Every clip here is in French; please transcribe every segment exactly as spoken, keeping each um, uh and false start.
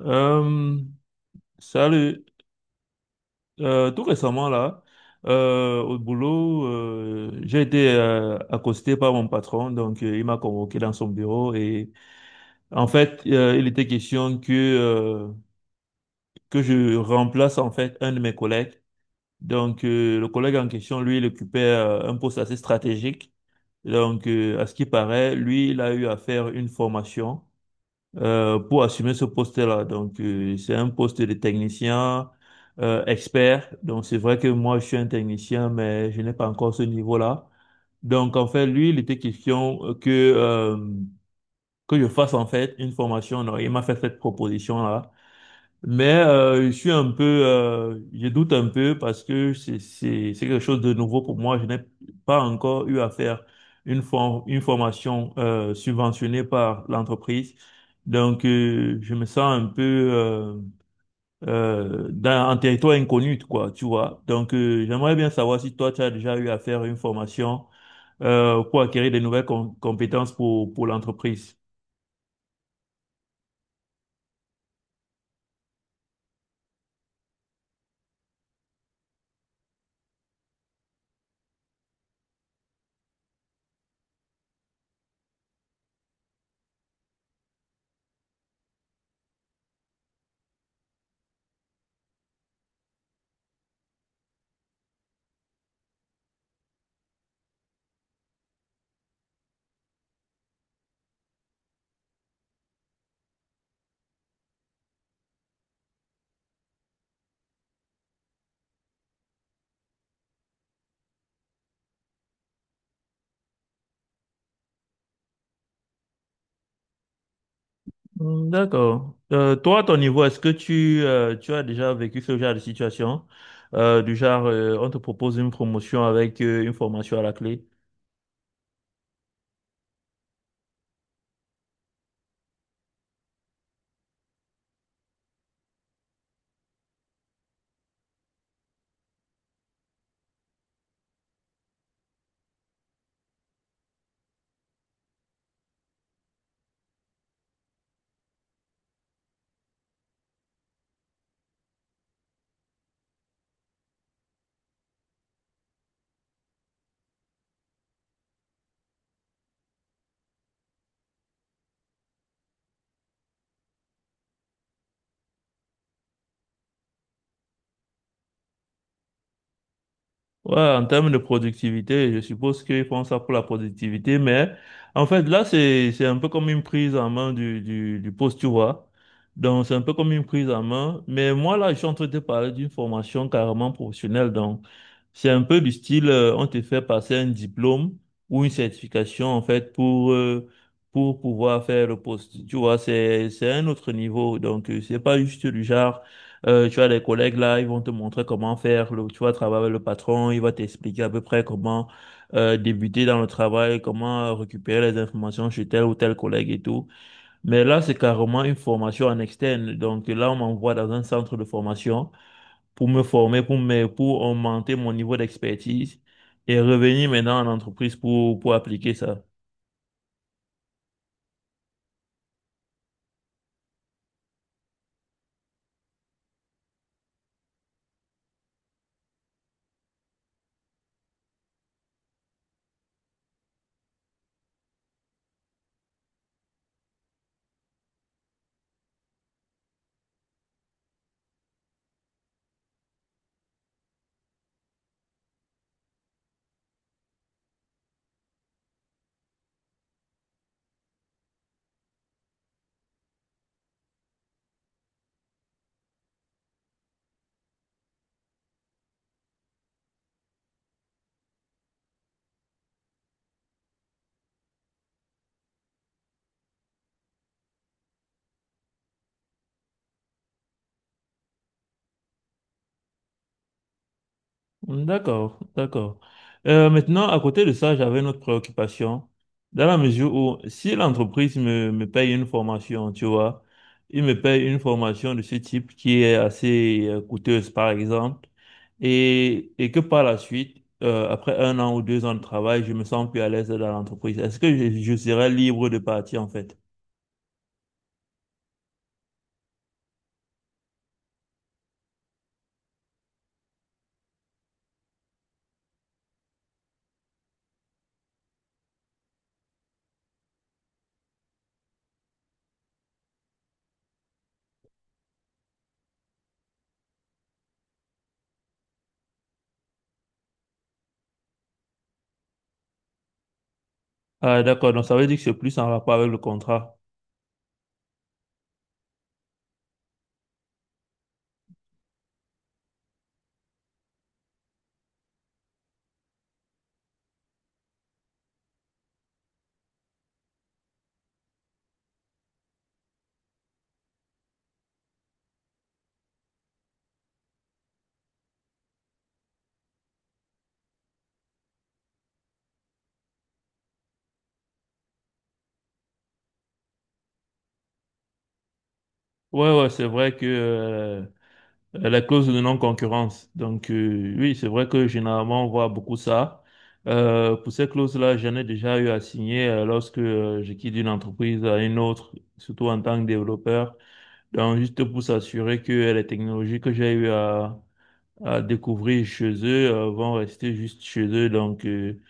Euh, salut. Euh, tout récemment, là, euh, au boulot, euh, j'ai été euh, accosté par mon patron. Donc, euh, il m'a convoqué dans son bureau. Et en fait, euh, il était question que, euh, que je remplace en fait un de mes collègues. Donc, euh, le collègue en question, lui, il occupait euh, un poste assez stratégique. Donc, euh, à ce qui paraît, lui, il a eu à faire une formation. Euh, pour assumer ce poste-là. Donc, euh, c'est un poste de technicien euh, expert. Donc, c'est vrai que moi, je suis un technicien, mais je n'ai pas encore ce niveau-là. Donc, en fait, lui, il était question que, euh, que je fasse, en fait, une formation. Alors, il m'a fait cette proposition-là. Mais euh, je suis un peu, euh, je doute un peu parce que c'est c'est c'est quelque chose de nouveau pour moi. Je n'ai pas encore eu à faire une for- une formation euh, subventionnée par l'entreprise, donc euh, je me sens un peu euh, euh, dans un territoire inconnu, quoi, tu vois. Donc euh, j'aimerais bien savoir si toi tu as déjà eu à faire une formation euh, pour acquérir des nouvelles com- compétences pour pour l'entreprise. Hmm, d'accord. Euh, toi, à ton niveau, est-ce que tu, euh, tu as déjà vécu ce genre de situation? Euh, du genre, euh, on te propose une promotion avec euh, une formation à la clé? Ouais, en termes de productivité, je suppose qu'ils font ça pour la productivité, mais en fait, là, c'est, c'est un peu comme une prise en main du, du, du poste, tu vois. Donc, c'est un peu comme une prise en main. Mais moi, là, je suis en train de te parler d'une formation carrément professionnelle. Donc, c'est un peu du style, euh, on te fait passer un diplôme ou une certification, en fait, pour, euh, pour pouvoir faire le poste. Tu vois, c'est, c'est un autre niveau. Donc, euh, c'est pas juste du genre. Euh, tu as des collègues là, ils vont te montrer comment faire. Le, tu vas travailler avec le patron, il va t'expliquer à peu près comment euh, débuter dans le travail, comment euh, récupérer les informations chez tel ou tel collègue et tout. Mais là, c'est carrément une formation en externe. Donc là, on m'envoie dans un centre de formation pour me former, pour me, pour augmenter mon niveau d'expertise et revenir maintenant en entreprise pour, pour appliquer ça. D'accord, d'accord. Euh, maintenant, à côté de ça, j'avais une autre préoccupation, dans la mesure où si l'entreprise me, me paye une formation, tu vois, il me paye une formation de ce type qui est assez euh, coûteuse, par exemple, et, et que par la suite, euh, après un an ou deux ans de travail, je me sens plus à l'aise dans l'entreprise. Est-ce que je, je serais libre de partir, en fait? Ah, d'accord, donc ça veut dire que c'est plus en rapport avec le contrat. Ouais, ouais, c'est vrai que euh, Euh, la clause de non-concurrence. Donc, euh, oui, c'est vrai que généralement, on voit beaucoup ça. Euh, pour ces clauses-là, j'en ai déjà eu à signer euh, lorsque euh, je quitte une entreprise à une autre, surtout en tant que développeur. Donc, juste pour s'assurer que euh, les technologies que j'ai eu à, à découvrir chez eux euh, vont rester juste chez eux. Donc, euh,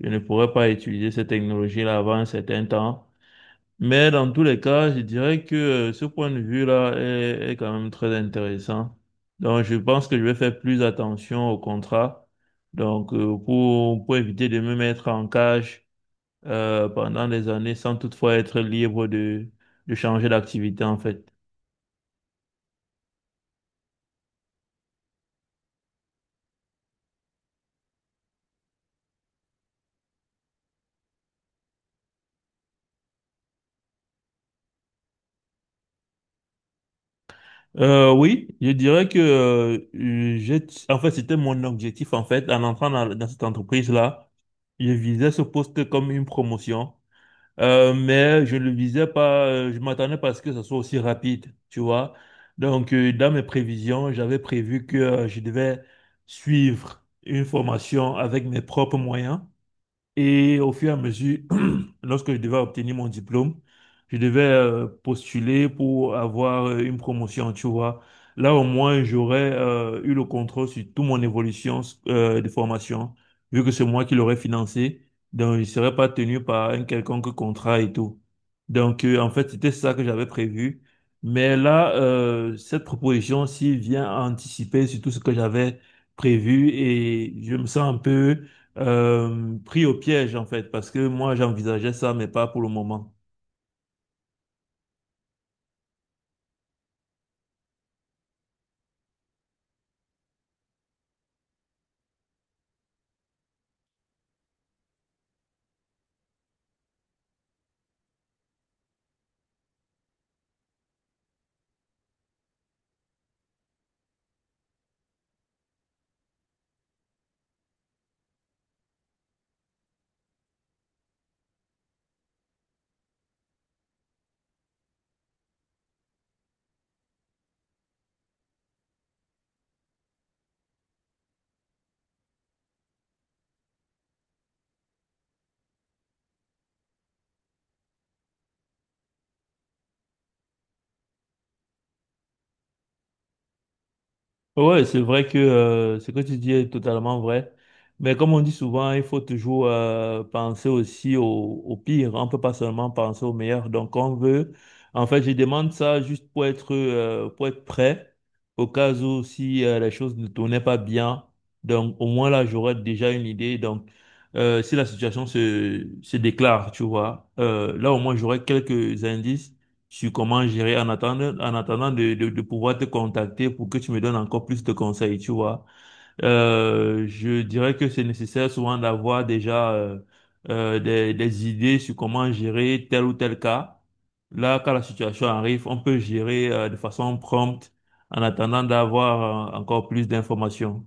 je ne pourrai pas utiliser ces technologies-là avant un certain temps. Mais dans tous les cas, je dirais que euh, ce point de vue-là est, est quand même très intéressant. Donc, je pense que je vais faire plus attention au contrat. Donc, euh, pour, pour éviter de me mettre en cage euh, pendant des années sans toutefois être libre de, de changer d'activité, en fait. Euh, oui, je dirais que euh, j'ai, en fait, c'était mon objectif, en fait, en entrant dans, dans cette entreprise-là. Je visais ce poste comme une promotion. Euh, mais je ne le visais pas, euh, je m'attendais pas à ce que ça soit aussi rapide, tu vois. Donc, euh, dans mes prévisions, j'avais prévu que euh, je devais suivre une formation avec mes propres moyens et au fur et à mesure, lorsque je devais obtenir mon diplôme, je devais euh, postuler pour avoir euh, une promotion, tu vois. Là, au moins, j'aurais euh, eu le contrôle sur toute mon évolution euh, de formation, vu que c'est moi qui l'aurais financé. Donc, je ne serais pas tenu par un quelconque contrat et tout. Donc, euh, en fait, c'était ça que j'avais prévu. Mais là, euh, cette proposition-ci vient anticiper sur tout ce que j'avais prévu et je me sens un peu euh, pris au piège en fait, parce que moi j'envisageais ça, mais pas pour le moment. Ouais, c'est vrai que euh, ce que tu dis est totalement vrai, mais comme on dit souvent, il faut toujours euh, penser aussi au, au pire, on peut pas seulement penser au meilleur. Donc on veut, en fait, je demande ça juste pour être euh, pour être prêt au cas où si euh, les choses ne tournaient pas bien. Donc au moins là j'aurais déjà une idée. Donc euh, si la situation se se déclare, tu vois, euh, là au moins j'aurais quelques indices sur comment gérer en attendant, en attendant de, de, de pouvoir te contacter pour que tu me donnes encore plus de conseils, tu vois. Euh, je dirais que c'est nécessaire souvent d'avoir déjà euh, euh, des, des idées sur comment gérer tel ou tel cas. Là, quand la situation arrive, on peut gérer euh, de façon prompte en attendant d'avoir euh, encore plus d'informations.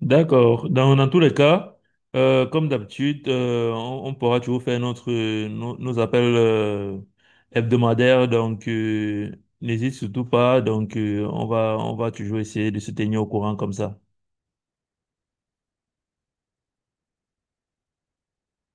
D'accord. Dans, dans tous les cas, euh, comme d'habitude, euh, on, on pourra toujours faire notre, nos, nos appels euh, hebdomadaires. Donc, euh, n'hésite surtout pas. Donc, euh, on va, on va toujours essayer de se tenir au courant comme ça.